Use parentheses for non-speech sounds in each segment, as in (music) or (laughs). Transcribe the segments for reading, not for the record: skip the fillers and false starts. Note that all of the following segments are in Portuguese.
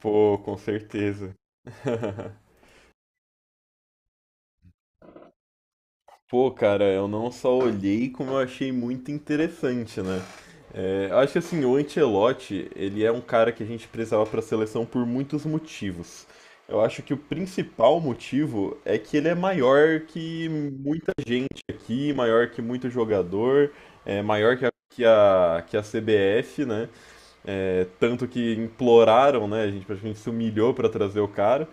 Pô, com certeza. (laughs) Pô, cara, eu não só olhei como eu achei muito interessante, né? Eu acho que assim, o Ancelotti, ele é um cara que a gente precisava para a seleção por muitos motivos. Eu acho que o principal motivo é que ele é maior que muita gente aqui, maior que muito jogador, é maior que a CBF, né? Tanto que imploraram, né? A gente praticamente se humilhou para trazer o cara.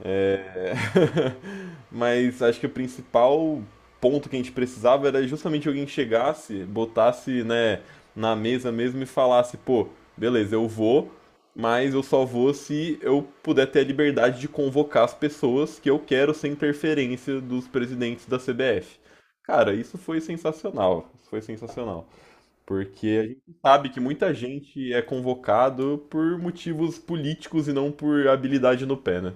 É, (laughs) mas acho que o principal ponto que a gente precisava era justamente alguém que chegasse, botasse, né, na mesa mesmo e falasse, pô, beleza, eu vou, mas eu só vou se eu puder ter a liberdade de convocar as pessoas que eu quero sem interferência dos presidentes da CBF. Cara, isso foi sensacional, isso foi sensacional. Porque a gente sabe que muita gente é convocado por motivos políticos e não por habilidade no pé, né?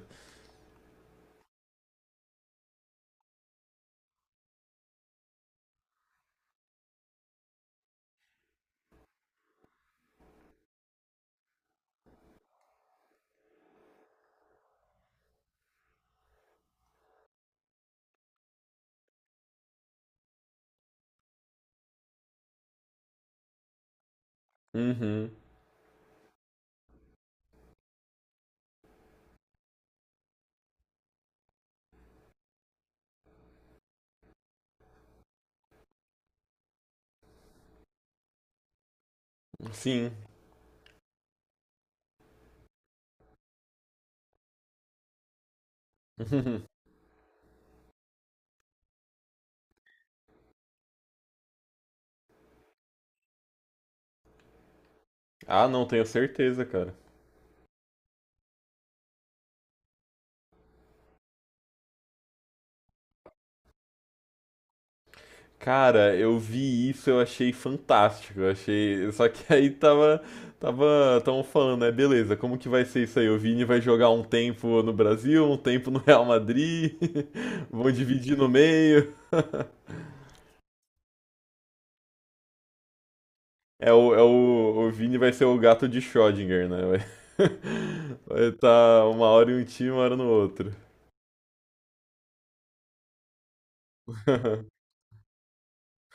Uhum. Sim. (laughs) Ah, não, tenho certeza, cara. Cara, eu vi isso, eu achei fantástico. Eu achei. Só que (laughs) aí tava. Tava. Tão falando, né? Beleza, como que vai ser isso aí? O Vini vai jogar um tempo no Brasil, um tempo no Real Madrid. (laughs) Vão dividir no meio. (laughs) O Vini vai ser o gato de Schrödinger, né? Vai (laughs) vai tá uma hora em um time, uma hora no outro.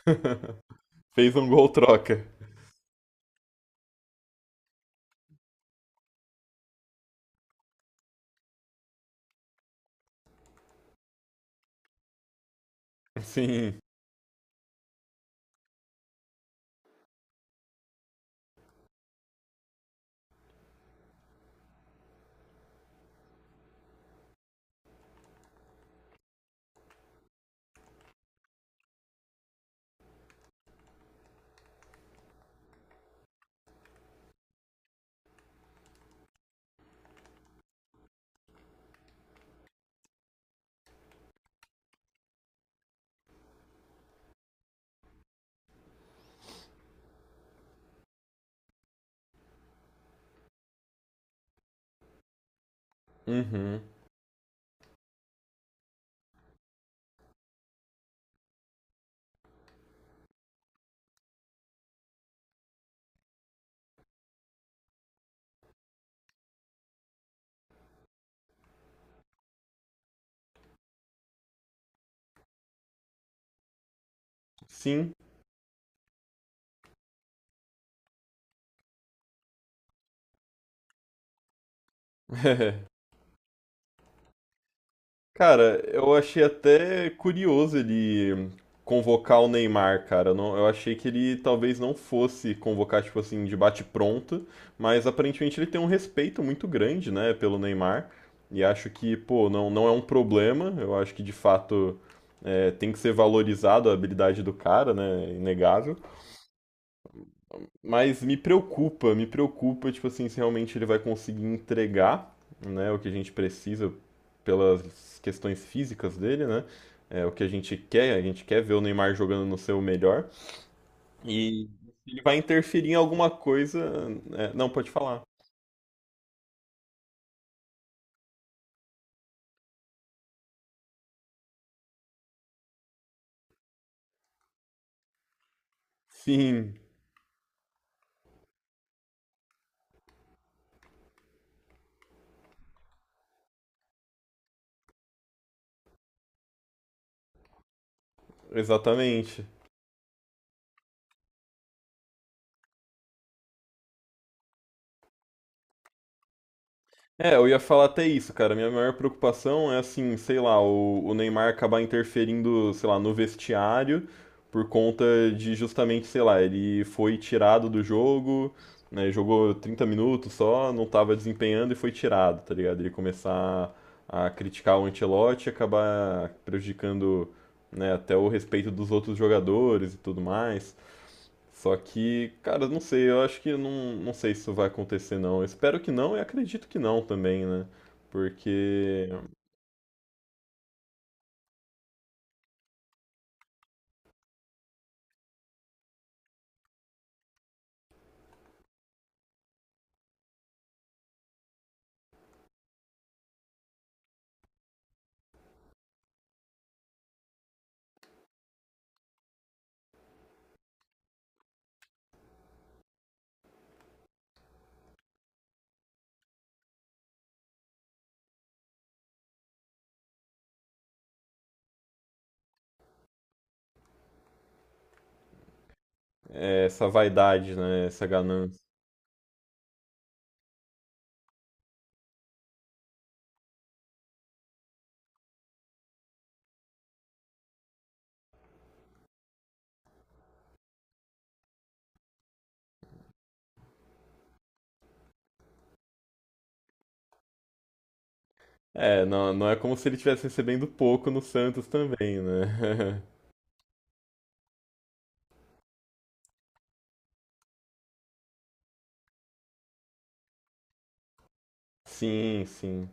(laughs) Fez um gol troca. Sim. Uhum. Sim. (laughs) Cara, eu achei até curioso ele convocar o Neymar, cara. Eu não, eu achei que ele talvez não fosse convocar, tipo assim, de bate-pronto, mas aparentemente ele tem um respeito muito grande, né, pelo Neymar. E acho que, pô, não, não é um problema. Eu acho que de fato é, tem que ser valorizado a habilidade do cara, né? Inegável. Mas me preocupa, tipo assim, se realmente ele vai conseguir entregar, né, o que a gente precisa pelas questões físicas dele, né? É o que a gente quer ver o Neymar jogando no seu melhor. E ele vai interferir em alguma coisa. É, não, pode falar. Sim, exatamente. Eu ia falar até isso, cara. Minha maior preocupação é assim, sei lá, o Neymar acabar interferindo, sei lá, no vestiário por conta de justamente, sei lá, ele foi tirado do jogo, né, jogou 30 minutos só, não estava desempenhando e foi tirado, tá ligado? Ele começar a criticar o Ancelotti e acabar prejudicando, né, até o respeito dos outros jogadores e tudo mais. Só que, cara, não sei, eu acho que não, não sei se isso vai acontecer não. Eu espero que não e acredito que não também, né? Porque é, essa vaidade, né? Essa ganância. É, não, não é como se ele estivesse recebendo pouco no Santos também, né? (laughs) Sim, sim.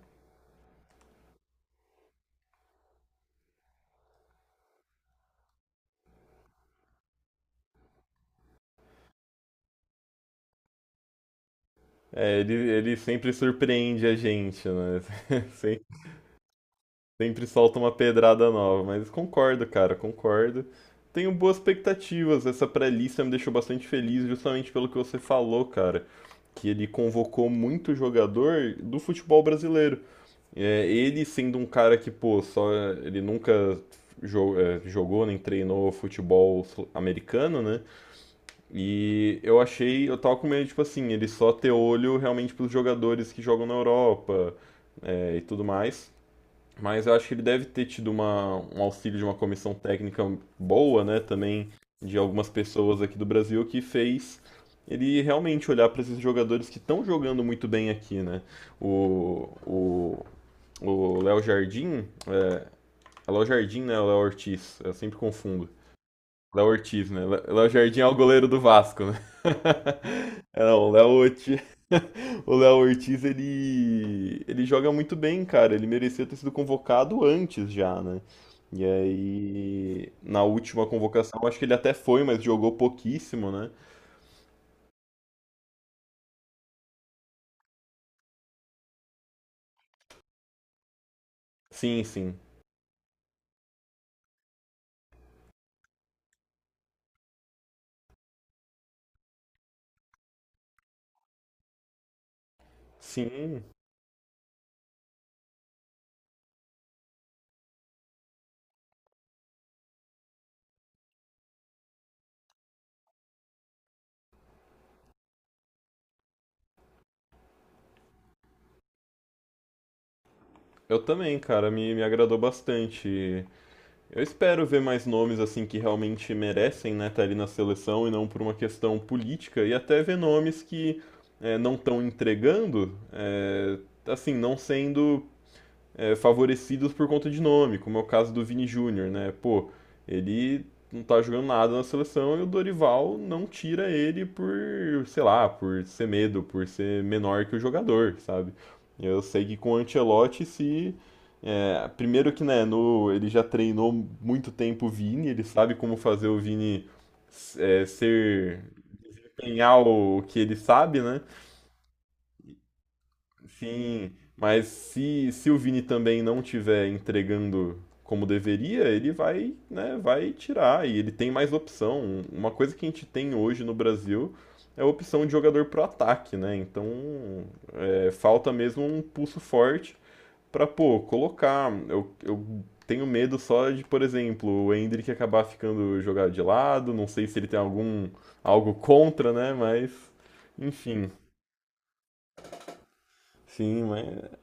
É, ele sempre surpreende a gente, né? (laughs) Sem- sempre solta uma pedrada nova, mas concordo, cara, concordo. Tenho boas expectativas. Essa pré-lista me deixou bastante feliz, justamente pelo que você falou, cara, que ele convocou muito jogador do futebol brasileiro. É, ele sendo um cara que, pô, só ele nunca jo- jogou nem treinou futebol sul- americano, né? E eu achei, eu tava com medo, tipo assim, ele só ter olho realmente pros jogadores que jogam na Europa, e tudo mais. Mas eu acho que ele deve ter tido uma, um auxílio de uma comissão técnica boa, né? Também de algumas pessoas aqui do Brasil que fez ele realmente olhar para esses jogadores que estão jogando muito bem aqui, né? O, o, o Léo Jardim, é Léo Jardim, né? O Léo Ortiz, eu sempre confundo. Léo Ortiz, né? Lé- Léo Jardim é o goleiro do Vasco, né? (laughs) É, não, o Léo Ortiz, (laughs) o Léo Ortiz, ele joga muito bem, cara. Ele merecia ter sido convocado antes já, né? E aí, na última convocação, acho que ele até foi, mas jogou pouquíssimo, né? Sim, sim. Sim, eu também, cara. Me agradou bastante. Eu espero ver mais nomes assim que realmente merecem, né, estar ali na seleção e não por uma questão política e até ver nomes que não estão entregando, assim, não sendo favorecidos por conta de nome, como é o caso do Vini Júnior, né? Pô, ele não tá jogando nada na seleção e o Dorival não tira ele por, sei lá, por ser medo, por ser menor que o jogador, sabe? Eu sei que com o Ancelotti se é, primeiro que né, no, ele já treinou muito tempo o Vini, ele sabe como fazer o Vini ser empenhar o que ele sabe, né? Sim, mas se o Vini também não tiver entregando como deveria, ele vai, né, vai tirar e ele tem mais opção. Uma coisa que a gente tem hoje no Brasil é a opção de jogador pro ataque, né? Então, é, falta mesmo um pulso forte pra, pô, colocar. Eu tenho medo só de, por exemplo, o Endrick acabar ficando jogado de lado, não sei se ele tem algum algo contra, né? Mas, enfim. Sim, mas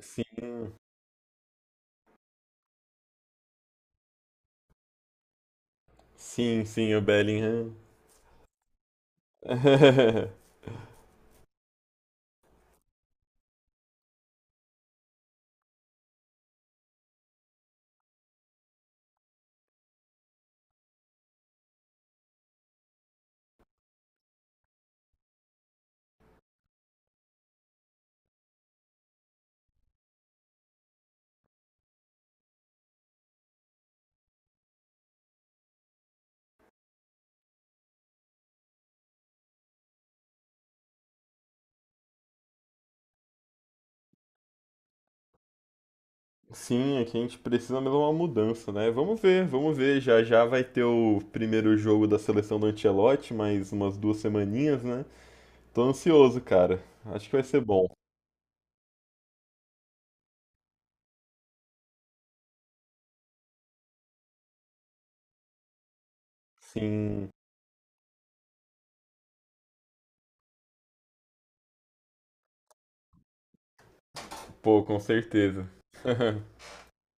sim. Sim, sim, o Bellingham. (laughs) Sim, aqui a gente precisa mesmo uma mudança, né? Vamos ver, vamos ver. Já já vai ter o primeiro jogo da seleção do Ancelotti, mais umas duas semaninhas, né? Tô ansioso, cara. Acho que vai ser bom. Sim, pô, com certeza. (laughs)